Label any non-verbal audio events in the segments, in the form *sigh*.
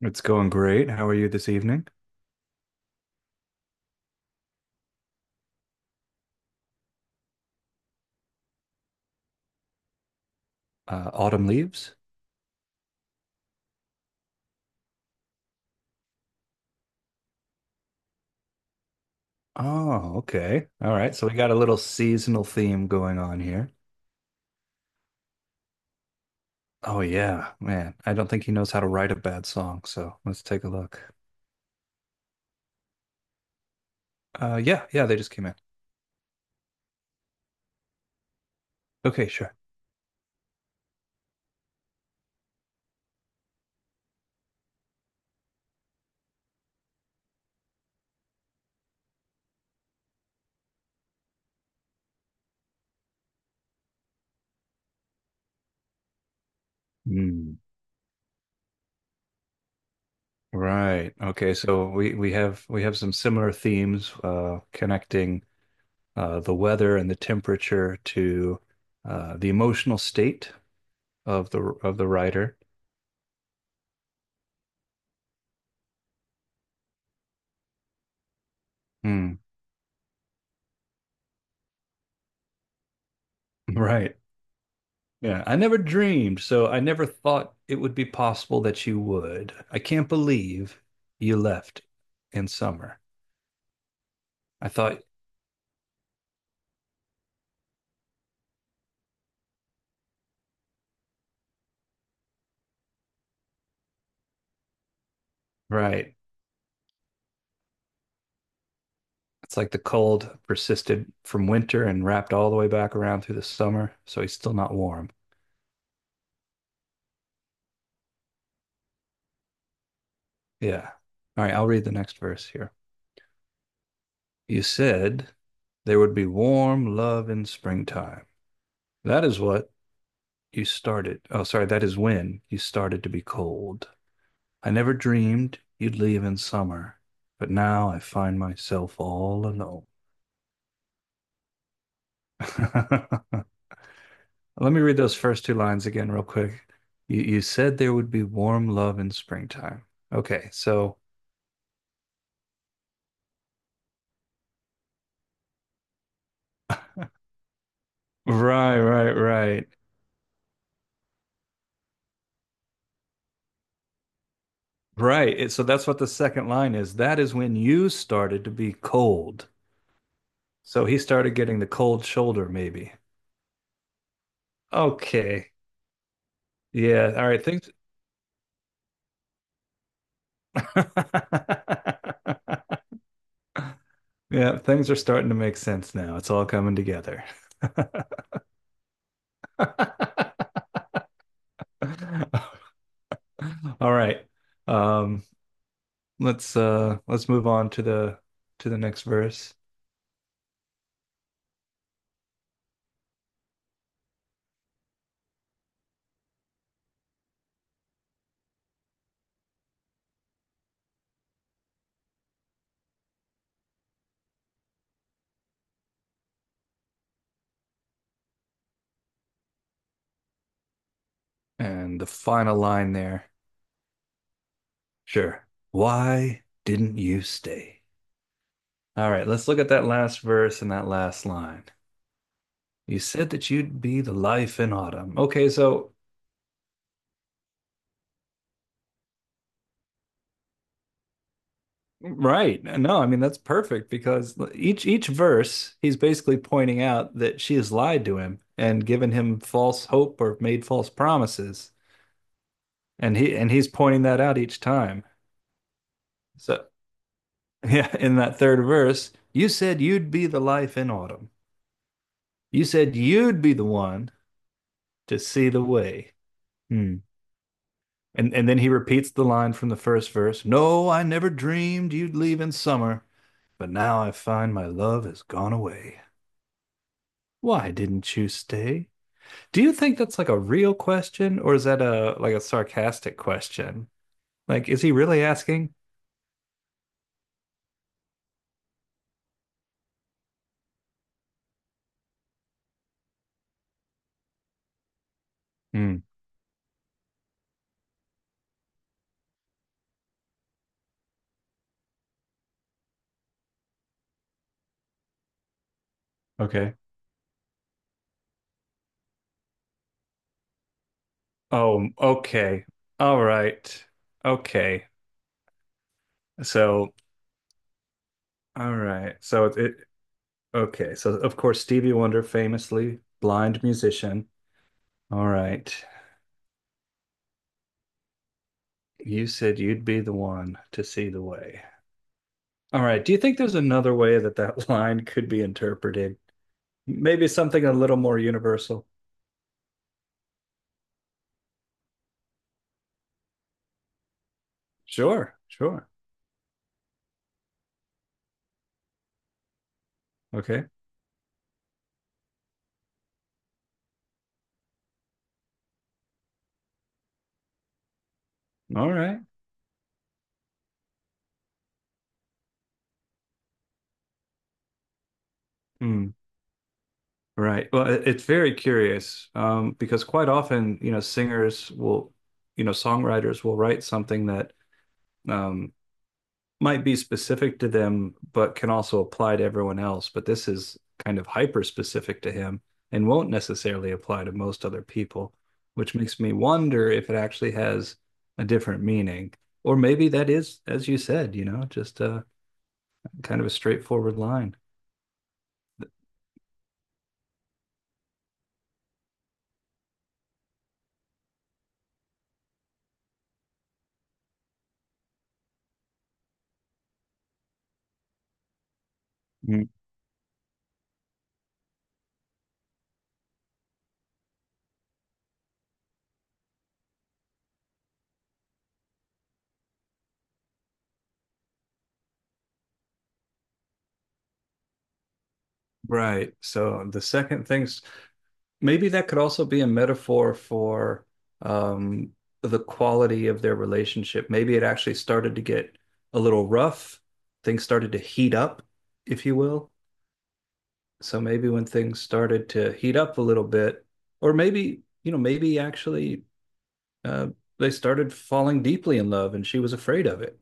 It's going great. How are you this evening? Autumn Leaves? Oh, okay. All right. So we got a little seasonal theme going on here. Oh, yeah, man. I don't think he knows how to write a bad song. So let's take a look. Yeah, yeah, they just came in. Okay, sure. Hmm. Right. Okay. So we have we have some similar themes connecting the weather and the temperature to the emotional state of the writer. Hmm. *laughs* Right. Yeah, I never dreamed, so I never thought it would be possible that you would. I can't believe you left in summer. I thought, right, it's like the cold persisted from winter and wrapped all the way back around through the summer, so he's still not warm. Yeah. All right, I'll read the next verse here. You said there would be warm love in springtime. That is what you started. Oh, sorry, that is when you started to be cold. I never dreamed you'd leave in summer, but now I find myself all alone. *laughs* Let me read those first two lines again, real quick. You said there would be warm love in springtime. Okay, so *laughs* right, right, right, right. So that's what the second line is. That is when you started to be cold. So he started getting the cold shoulder, maybe. Okay. Yeah. All right. Thanks. *laughs* Yeah, things are starting to make sense now. It's all coming together. *laughs* All right. Um, let's let's move on to the next verse and the final line there. Sure. Why didn't you stay? All right, let's look at that last verse and that last line. You said that you'd be the life in autumn. Okay, so right. No, I mean that's perfect because each verse he's basically pointing out that she has lied to him and given him false hope or made false promises. And he's pointing that out each time. So, *laughs* yeah, in that third verse, you said you'd be the life in autumn. You said you'd be the one to see the way. Hmm. And then he repeats the line from the first verse, "No, I never dreamed you'd leave in summer, but now I find my love has gone away." Why didn't you stay? Do you think that's like a real question or is that a like a sarcastic question? Like, is he really asking? Hmm. Okay. Oh, okay. All right. Okay. So, all right. So it okay. So of course Stevie Wonder, famously blind musician. All right. You said you'd be the one to see the way. All right. Do you think there's another way that that *laughs* line could be interpreted? Maybe something a little more universal? Sure, sure. Okay. All right. Hmm. Right. Well, it's very curious because quite often, you know, singers will, you know, songwriters will write something that um, might be specific to them, but can also apply to everyone else. But this is kind of hyper specific to him and won't necessarily apply to most other people, which makes me wonder if it actually has a different meaning. Or maybe that is, as you said, you know, just kind of a straightforward line. Th- Mm. Right. So the second thing's maybe that could also be a metaphor for um, the quality of their relationship. Maybe it actually started to get a little rough. Things started to heat up, if you will. So maybe when things started to heat up a little bit, or maybe, you know, maybe actually uh, they started falling deeply in love and she was afraid of it.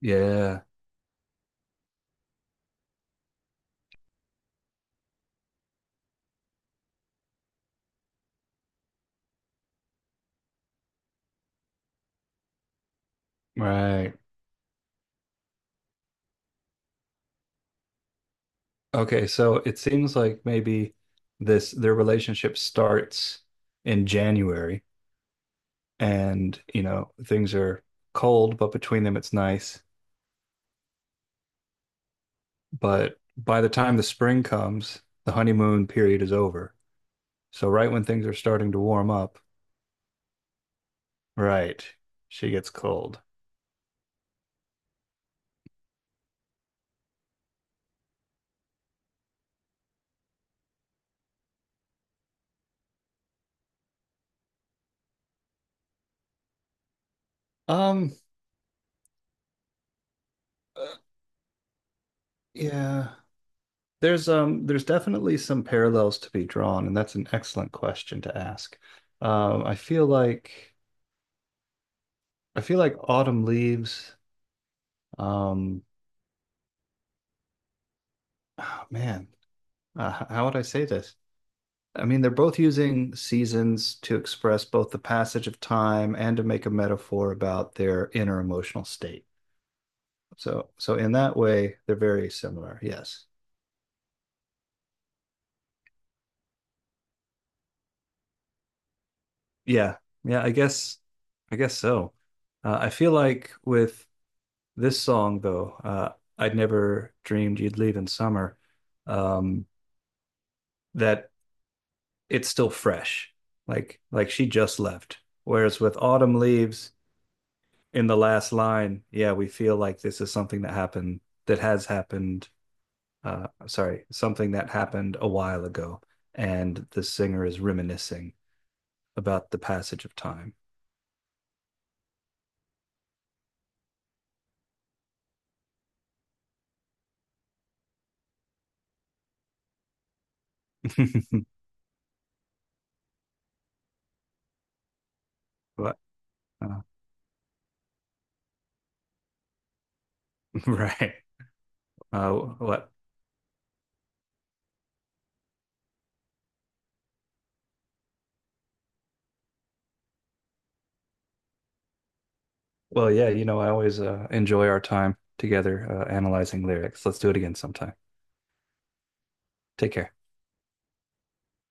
Yeah. Right. Okay, so it seems like maybe this their relationship starts in January and, you know, things are cold, but between them it's nice. But by the time the spring comes, the honeymoon period is over. So right when things are starting to warm up, right, she gets cold. Um, uh, yeah. There's definitely some parallels to be drawn, and that's an excellent question to ask. Um, I feel like I feel like autumn leaves, um, oh, man, how would I say this? I mean, they're both using seasons to express both the passage of time and to make a metaphor about their inner emotional state. So in that way, they're very similar. Yes. Yeah, yeah, I guess so. I feel like with this song though, I'd never dreamed you'd leave in summer, um, that it's still fresh, like she just left. Whereas with autumn leaves in the last line, yeah, we feel like this is something that happened that has happened. Sorry, something that happened a while ago, and the singer is reminiscing about the passage of time. *laughs* But uh, *laughs* right. What? Well, yeah, you know, I always enjoy our time together analyzing lyrics. Let's do it again sometime. Take care.